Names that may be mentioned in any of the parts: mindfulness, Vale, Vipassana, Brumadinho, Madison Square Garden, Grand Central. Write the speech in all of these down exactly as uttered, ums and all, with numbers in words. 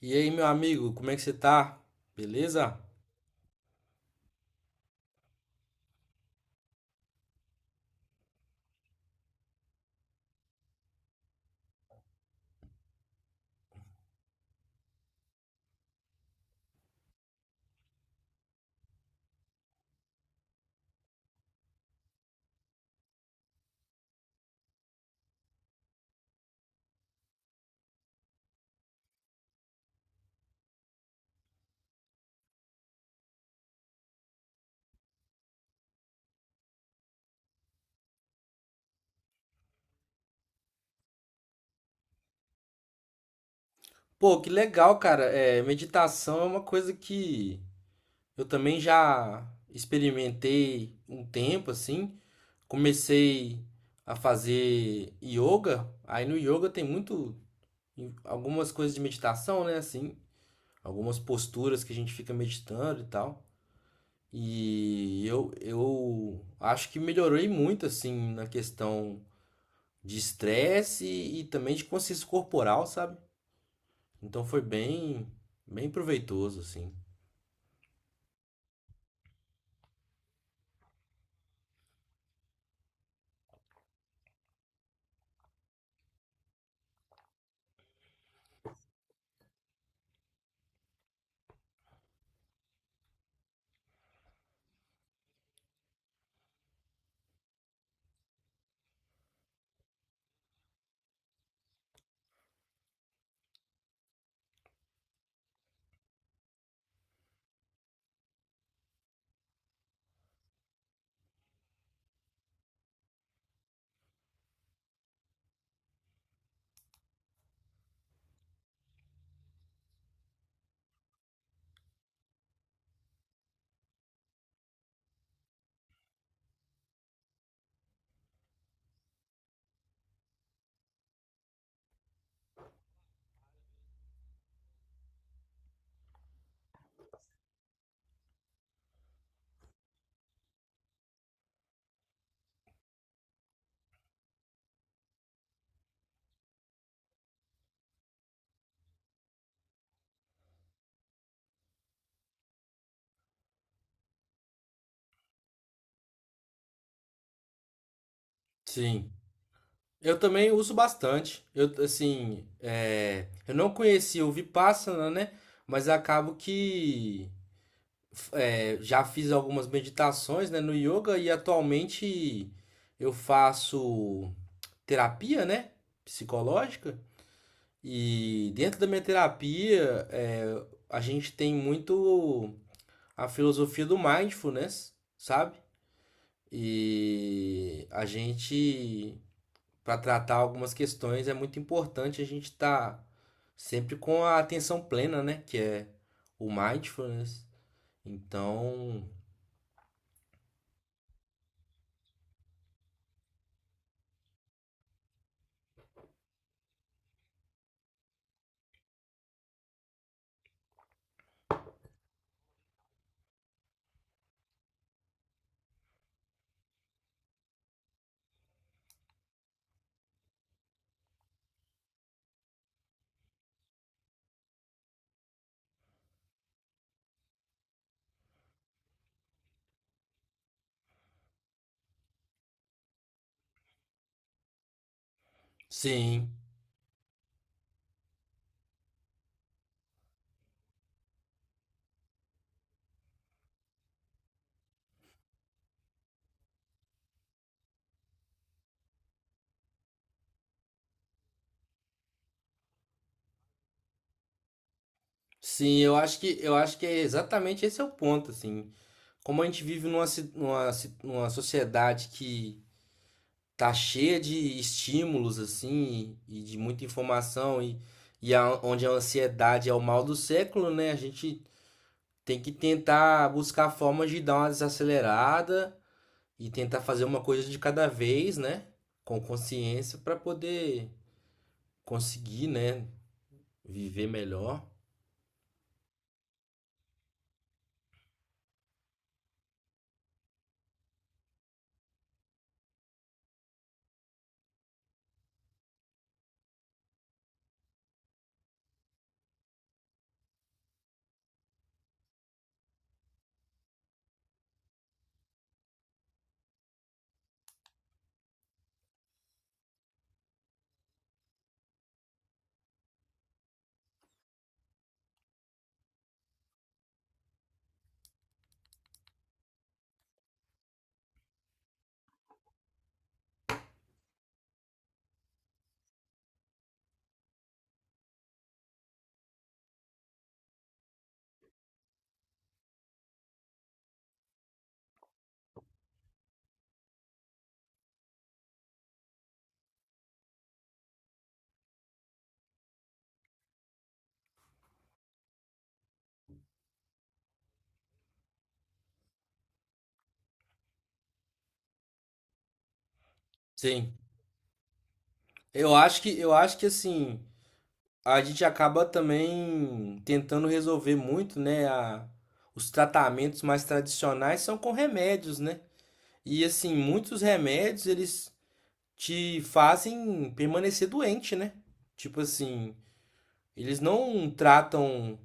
E aí, meu amigo, como é que você tá? Beleza? Pô, que legal, cara. É, meditação é uma coisa que eu também já experimentei um tempo, assim. Comecei a fazer yoga. Aí no yoga tem muito algumas coisas de meditação, né? Assim, algumas posturas que a gente fica meditando e tal. E eu, eu acho que melhorei muito, assim, na questão de estresse e também de consciência corporal, sabe? Então foi bem, bem proveitoso, assim. Sim. Eu também uso bastante. Eu, assim, é, eu não conhecia o Vipassana, né? Mas acabo que é, já fiz algumas meditações, né, no yoga e atualmente eu faço terapia, né, psicológica. E dentro da minha terapia, é, a gente tem muito a filosofia do mindfulness, sabe? E a gente, para tratar algumas questões, é muito importante a gente estar sempre com a atenção plena, né? Que é o mindfulness. Então, sim, sim, eu acho que eu acho que é exatamente esse é o ponto, assim. Como a gente vive numa, ci- numa, ci- numa sociedade que tá cheia de estímulos, assim, e, e de muita informação, e, e a- onde a ansiedade é o mal do século, né? A gente tem que tentar buscar formas de dar uma desacelerada e tentar fazer uma coisa de cada vez, né? Com consciência para poder conseguir, né, viver melhor. Sim. Eu acho que eu acho que assim, a gente acaba também tentando resolver muito, né, a- os tratamentos mais tradicionais são com remédios, né? E assim, muitos remédios eles te fazem permanecer doente, né? Tipo assim, eles não tratam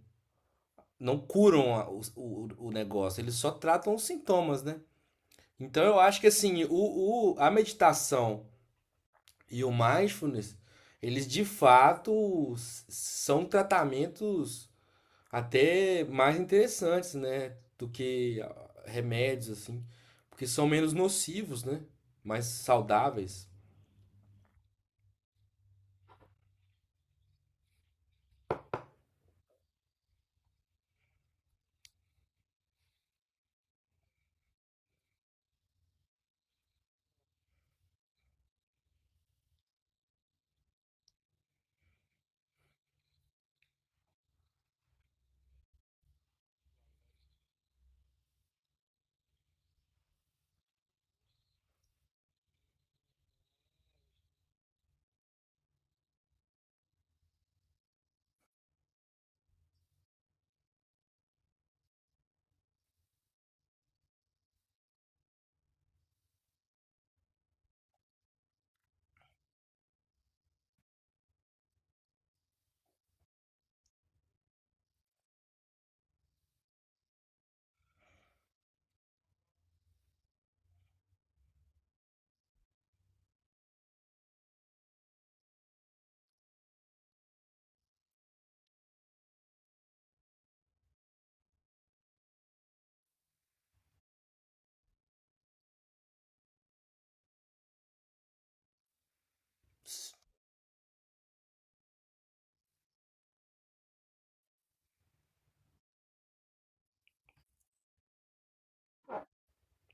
não curam a- o, o, o negócio, eles só tratam os sintomas, né? Então eu acho que assim, o, o- a meditação e o mindfulness, eles de fato s- são tratamentos até mais interessantes, né? Do que ah, remédios, assim, porque são menos nocivos, né? Mais saudáveis. S-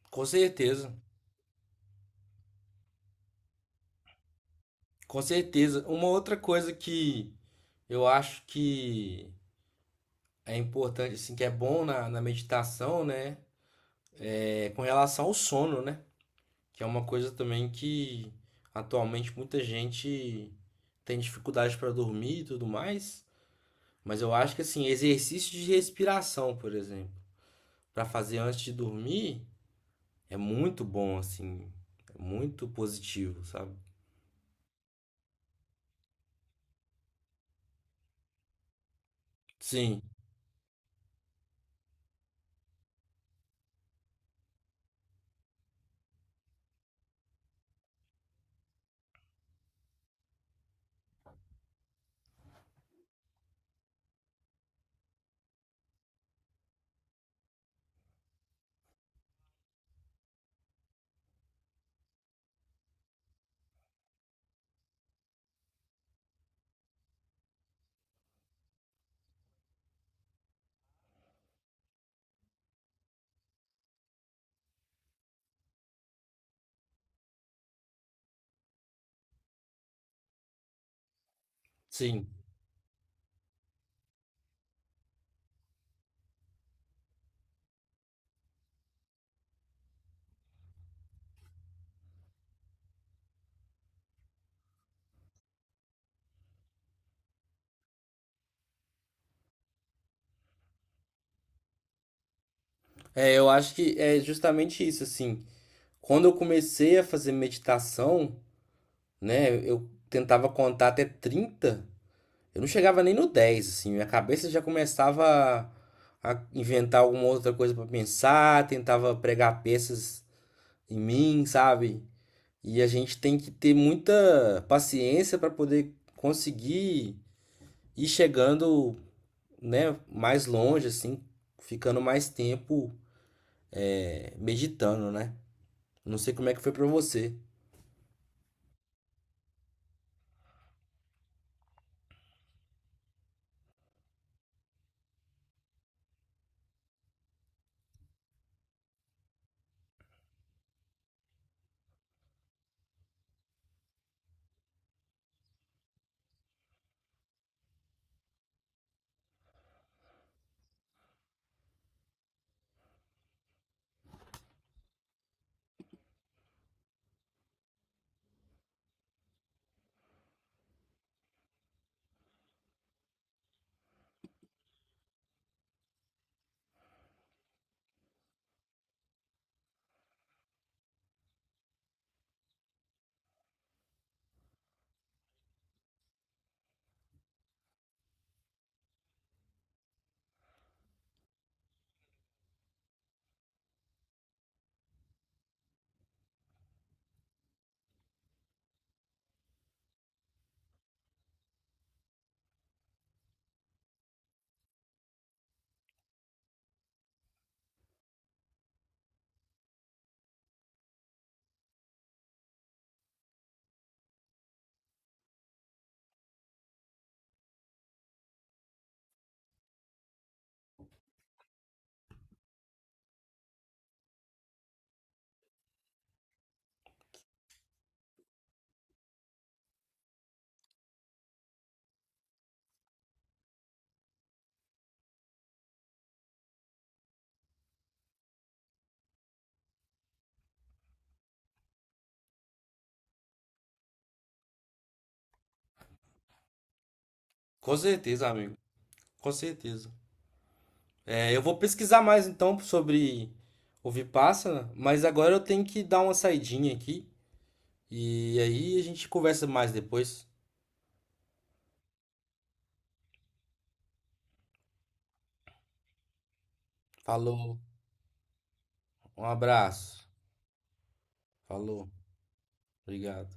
Com certeza, com certeza. Uma outra coisa que eu acho que é importante, assim, que é bom na, na meditação, né? É com relação ao sono, né? Que é uma coisa também que atualmente muita gente tem dificuldade para dormir e tudo mais. Mas eu acho que assim, exercício de respiração, por exemplo, para fazer antes de dormir é muito bom, assim, é muito positivo, sabe? Sim, sim. É, eu acho que é justamente isso, assim. Quando eu comecei a fazer meditação, né, eu tentava contar até trinta. Eu não chegava nem no dez, assim, minha cabeça já começava a inventar alguma outra coisa pra pensar, tentava pregar peças em mim, sabe? E a gente tem que ter muita paciência pra poder conseguir ir chegando, né, mais longe, assim, ficando mais tempo é, meditando, né? Não sei como é que foi pra você. Com certeza, amigo. Com certeza. É, eu vou pesquisar mais então sobre o Vipassana, mas agora eu tenho que dar uma saidinha aqui e aí a gente conversa mais depois. Falou, um abraço. Falou, obrigado.